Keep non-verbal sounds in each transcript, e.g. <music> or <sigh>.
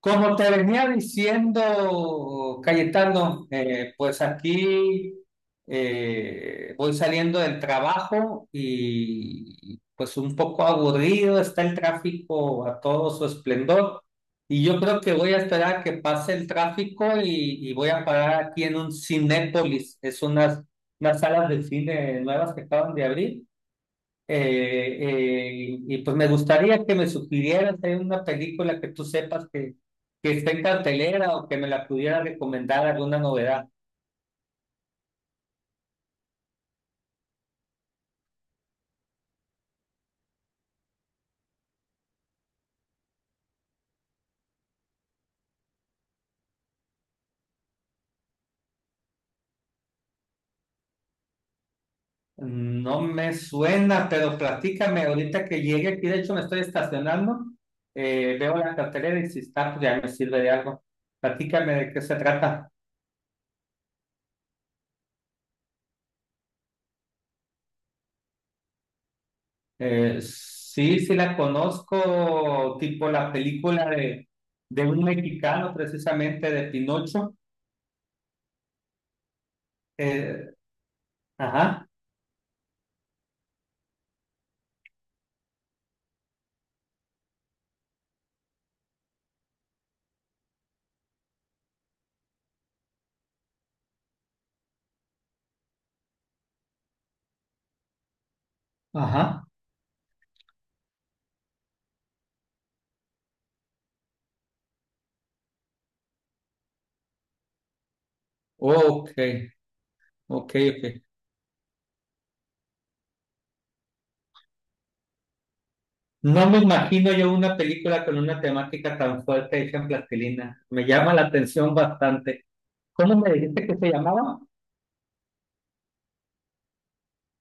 Como te venía diciendo, Cayetano, pues aquí voy saliendo del trabajo y pues un poco aburrido está el tráfico a todo su esplendor. Y yo creo que voy a esperar a que pase el tráfico y voy a parar aquí en un Cinépolis. Es unas salas de cine nuevas que acaban de abrir eh, eh, y pues me gustaría que me sugirieras hay una película que tú sepas que está en cartelera o que me la pudiera recomendar alguna novedad. No me suena, pero platícame ahorita que llegue aquí. De hecho, me estoy estacionando. Veo la cartelera y si está, pues ya me sirve de algo. Platícame de qué se trata. Sí, sí la conozco, tipo la película de un mexicano, precisamente de Pinocho. Eh, ajá. Ajá. Ok, ok, ok. No me imagino yo una película con una temática tan fuerte hecha en plastilina. Me llama la atención bastante. ¿Cómo me dijiste que se llamaba?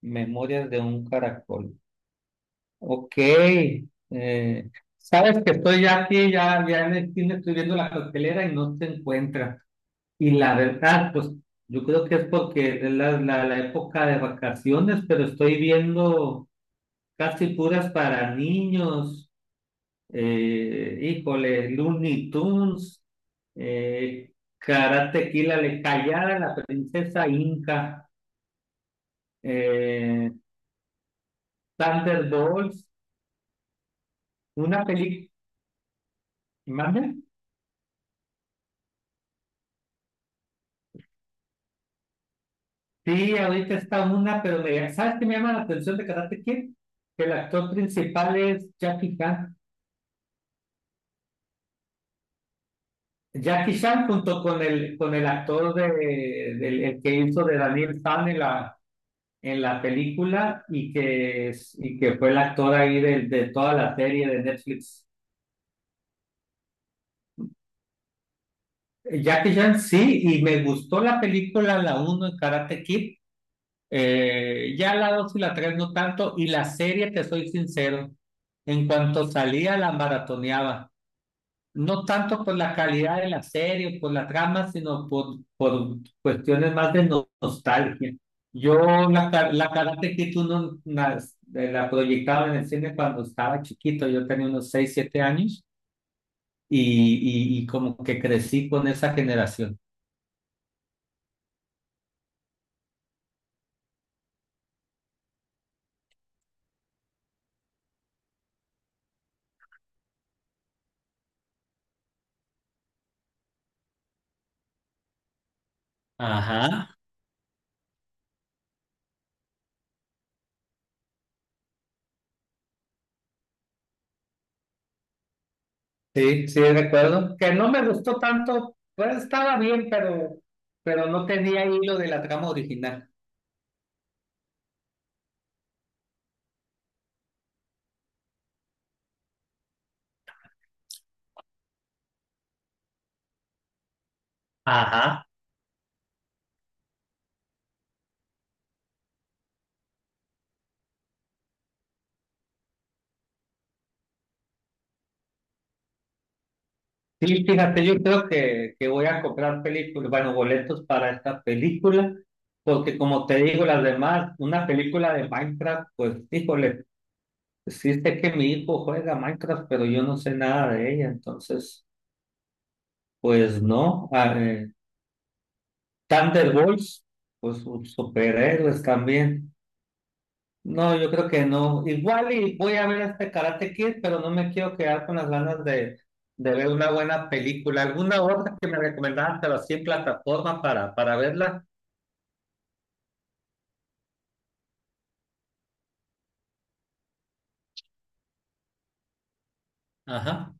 Memorias de un caracol. Ok. eh, sabes que estoy ya aquí, ya, ya en el cine estoy viendo la cartelera y no se encuentra. Y la verdad, pues yo creo que es porque es la época de vacaciones, pero estoy viendo casi puras para niños. Híjole, Looney Tunes, eh, Karate Kid, la callada, la princesa Inca, eh, Thunderbolts, una película, ¿mande? Sí, ahorita está una, pero me- ¿sabes qué me llama la atención de Karate Kid? Que el actor principal es Jackie Chan. Jackie Chan junto con el actor de, del el que hizo de Daniel San en la película y que fue el actor ahí de toda la serie de Netflix. Jackie Chan, sí, y me gustó la película, la uno en Karate Kid, ya la 2 y la 3 no tanto, y la serie, te soy sincero, en cuanto salía la maratoneaba. No tanto por la calidad de la serie o por la trama, sino por cuestiones más de nostalgia. Yo la Karate Kid uno la proyectaba en el cine cuando estaba chiquito, yo tenía unos 6 7 años y como que crecí con esa generación. Ajá. Sí, sí, recuerdo que no me gustó tanto, pues estaba bien, pero no tenía hilo de la trama original. Ajá. Sí, fíjate, yo creo que voy a comprar películas, bueno, boletos para esta película, porque como te digo, las demás, una película de Minecraft, pues, híjole, sí sé que mi hijo juega Minecraft, pero yo no sé nada de ella, entonces, pues no. Ah, Thunderbolts, pues sus superhéroes también. No, yo creo que no. Igual y voy a ver este Karate Kid, pero no me quiero quedar con las ganas de ver una buena película. ¿Alguna otra que me recomendaban, pero así en plataforma para verla? Ajá.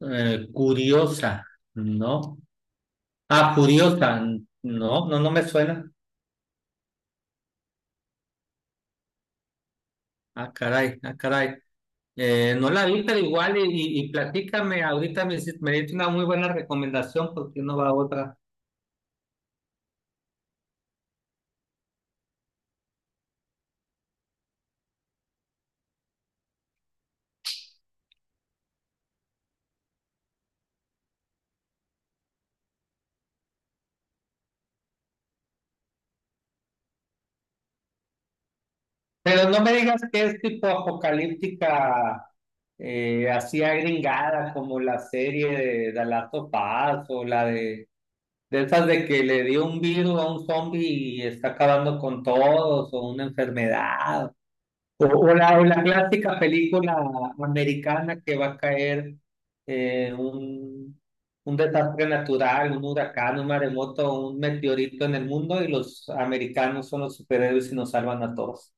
Curiosa, ¿no? Ah, curiosa. No, no, no me suena. Ah, caray, ah, caray. No la vi, pero igual y platícame ahorita, me diste una muy buena recomendación porque no va otra. Pero no me digas que es tipo apocalíptica, así agringada, como la serie de Last of Us, o la de esas de que le dio un virus a un zombie y está acabando con todos, o una enfermedad, o la clásica película americana que va a caer eh, un, un desastre natural, un huracán, un maremoto, un meteorito en el mundo y los americanos son los superhéroes y nos salvan a todos.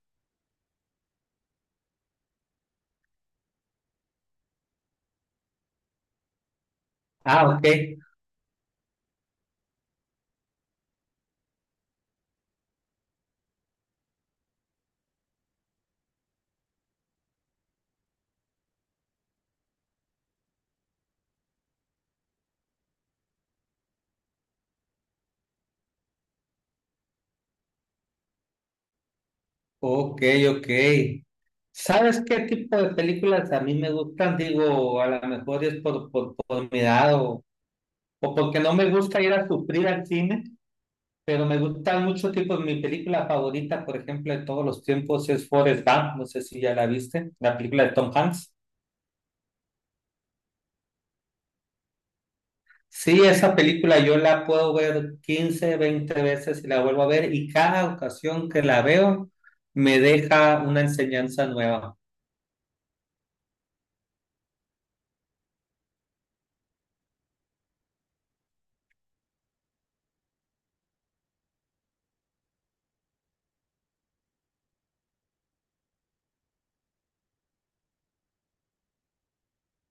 Ah, ok. Ok, ok. ¿Sabes qué tipo de películas a mí me gustan? Digo, a lo mejor es por mi edad o, porque no me gusta ir a sufrir al cine, pero me gustan muchos tipos. Mi película favorita, por ejemplo, de todos los tiempos es Forrest Gump. No sé si ya la viste, la película de Tom Hanks. Sí, esa película yo la puedo ver 15, 20 veces y la vuelvo a ver y cada ocasión que la veo me deja una enseñanza nueva.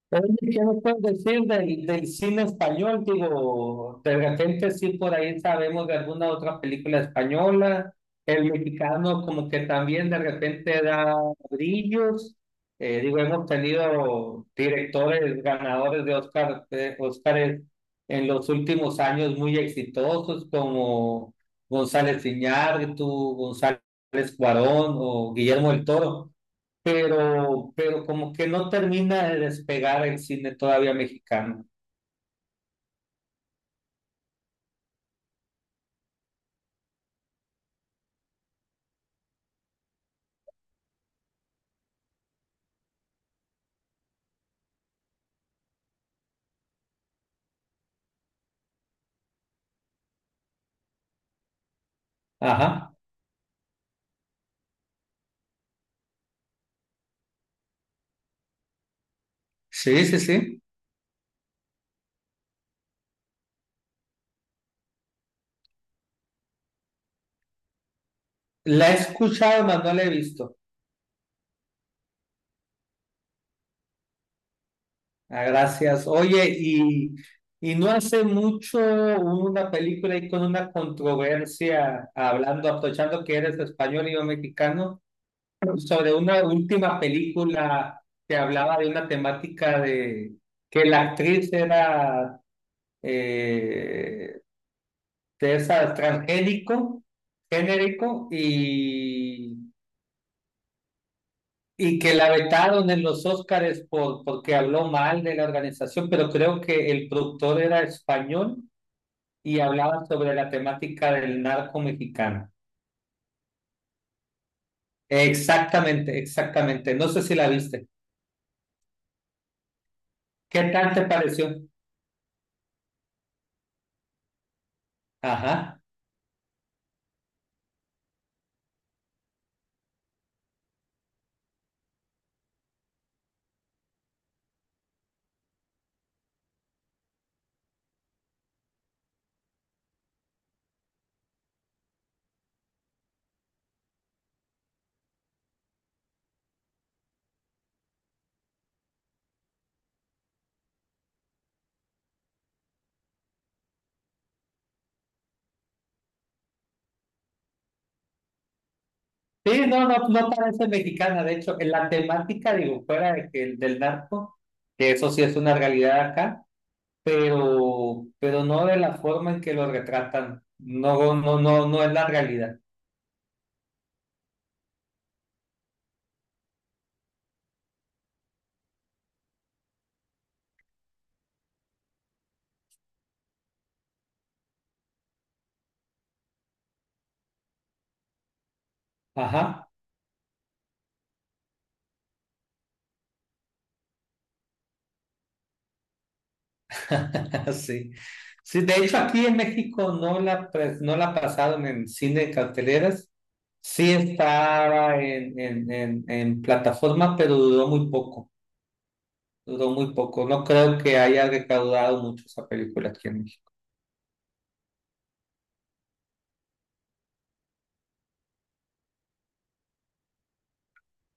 Pero, ¿qué nos puedes decir del cine español? Digo, de repente sí por ahí sabemos de alguna otra película española. El mexicano como que también de repente da brillos. Digo, hemos tenido directores ganadores de Oscar, de Óscares en los últimos años muy exitosos como González Iñárritu, González Cuarón o Guillermo del Toro pero como que no termina de despegar el cine todavía mexicano. Ajá, sí, sí, sí. La he escuchado, mas no la he visto. Ah, gracias. Oye, y no hace mucho hubo una película ahí con una controversia, hablando, aprovechando que eres español y yo mexicano, sobre una última película que hablaba de una temática de que la actriz era... eh, César transgénico, genérico y que la vetaron en los Óscares porque habló mal de la organización, pero creo que el productor era español y hablaba sobre la temática del narco mexicano. Exactamente, exactamente. No sé si la viste. ¿Qué tal te pareció? Ajá. Sí, no, no, no parece mexicana. De hecho, en la temática, digo, fuera de que el del narco, que eso sí es una realidad acá. Pero no de la forma en que lo retratan. No, no, no, no es la realidad. Ajá. <laughs> Sí. Sí, de hecho aquí en México no la pasaron en cine de carteleras. Sí estaba en plataforma, pero duró muy poco. Duró muy poco. No creo que haya recaudado mucho esa película aquí en México.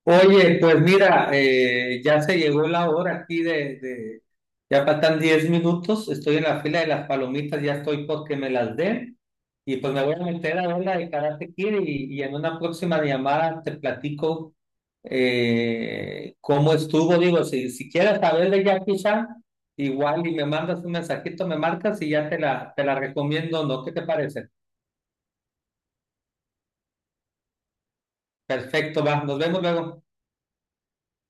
Oye, pues mira, ya se llegó la hora aquí. Ya faltan 10 minutos, estoy en la fila de las palomitas, ya estoy porque me las den, y, pues me voy a meter a ver la de Karate Kid y en una próxima llamada te platico cómo estuvo, digo, si quieres saber de Jackie Chan, igual y me mandas un mensajito, me marcas y ya te la recomiendo, ¿no? ¿Qué te parece? Perfecto, va, nos vemos luego.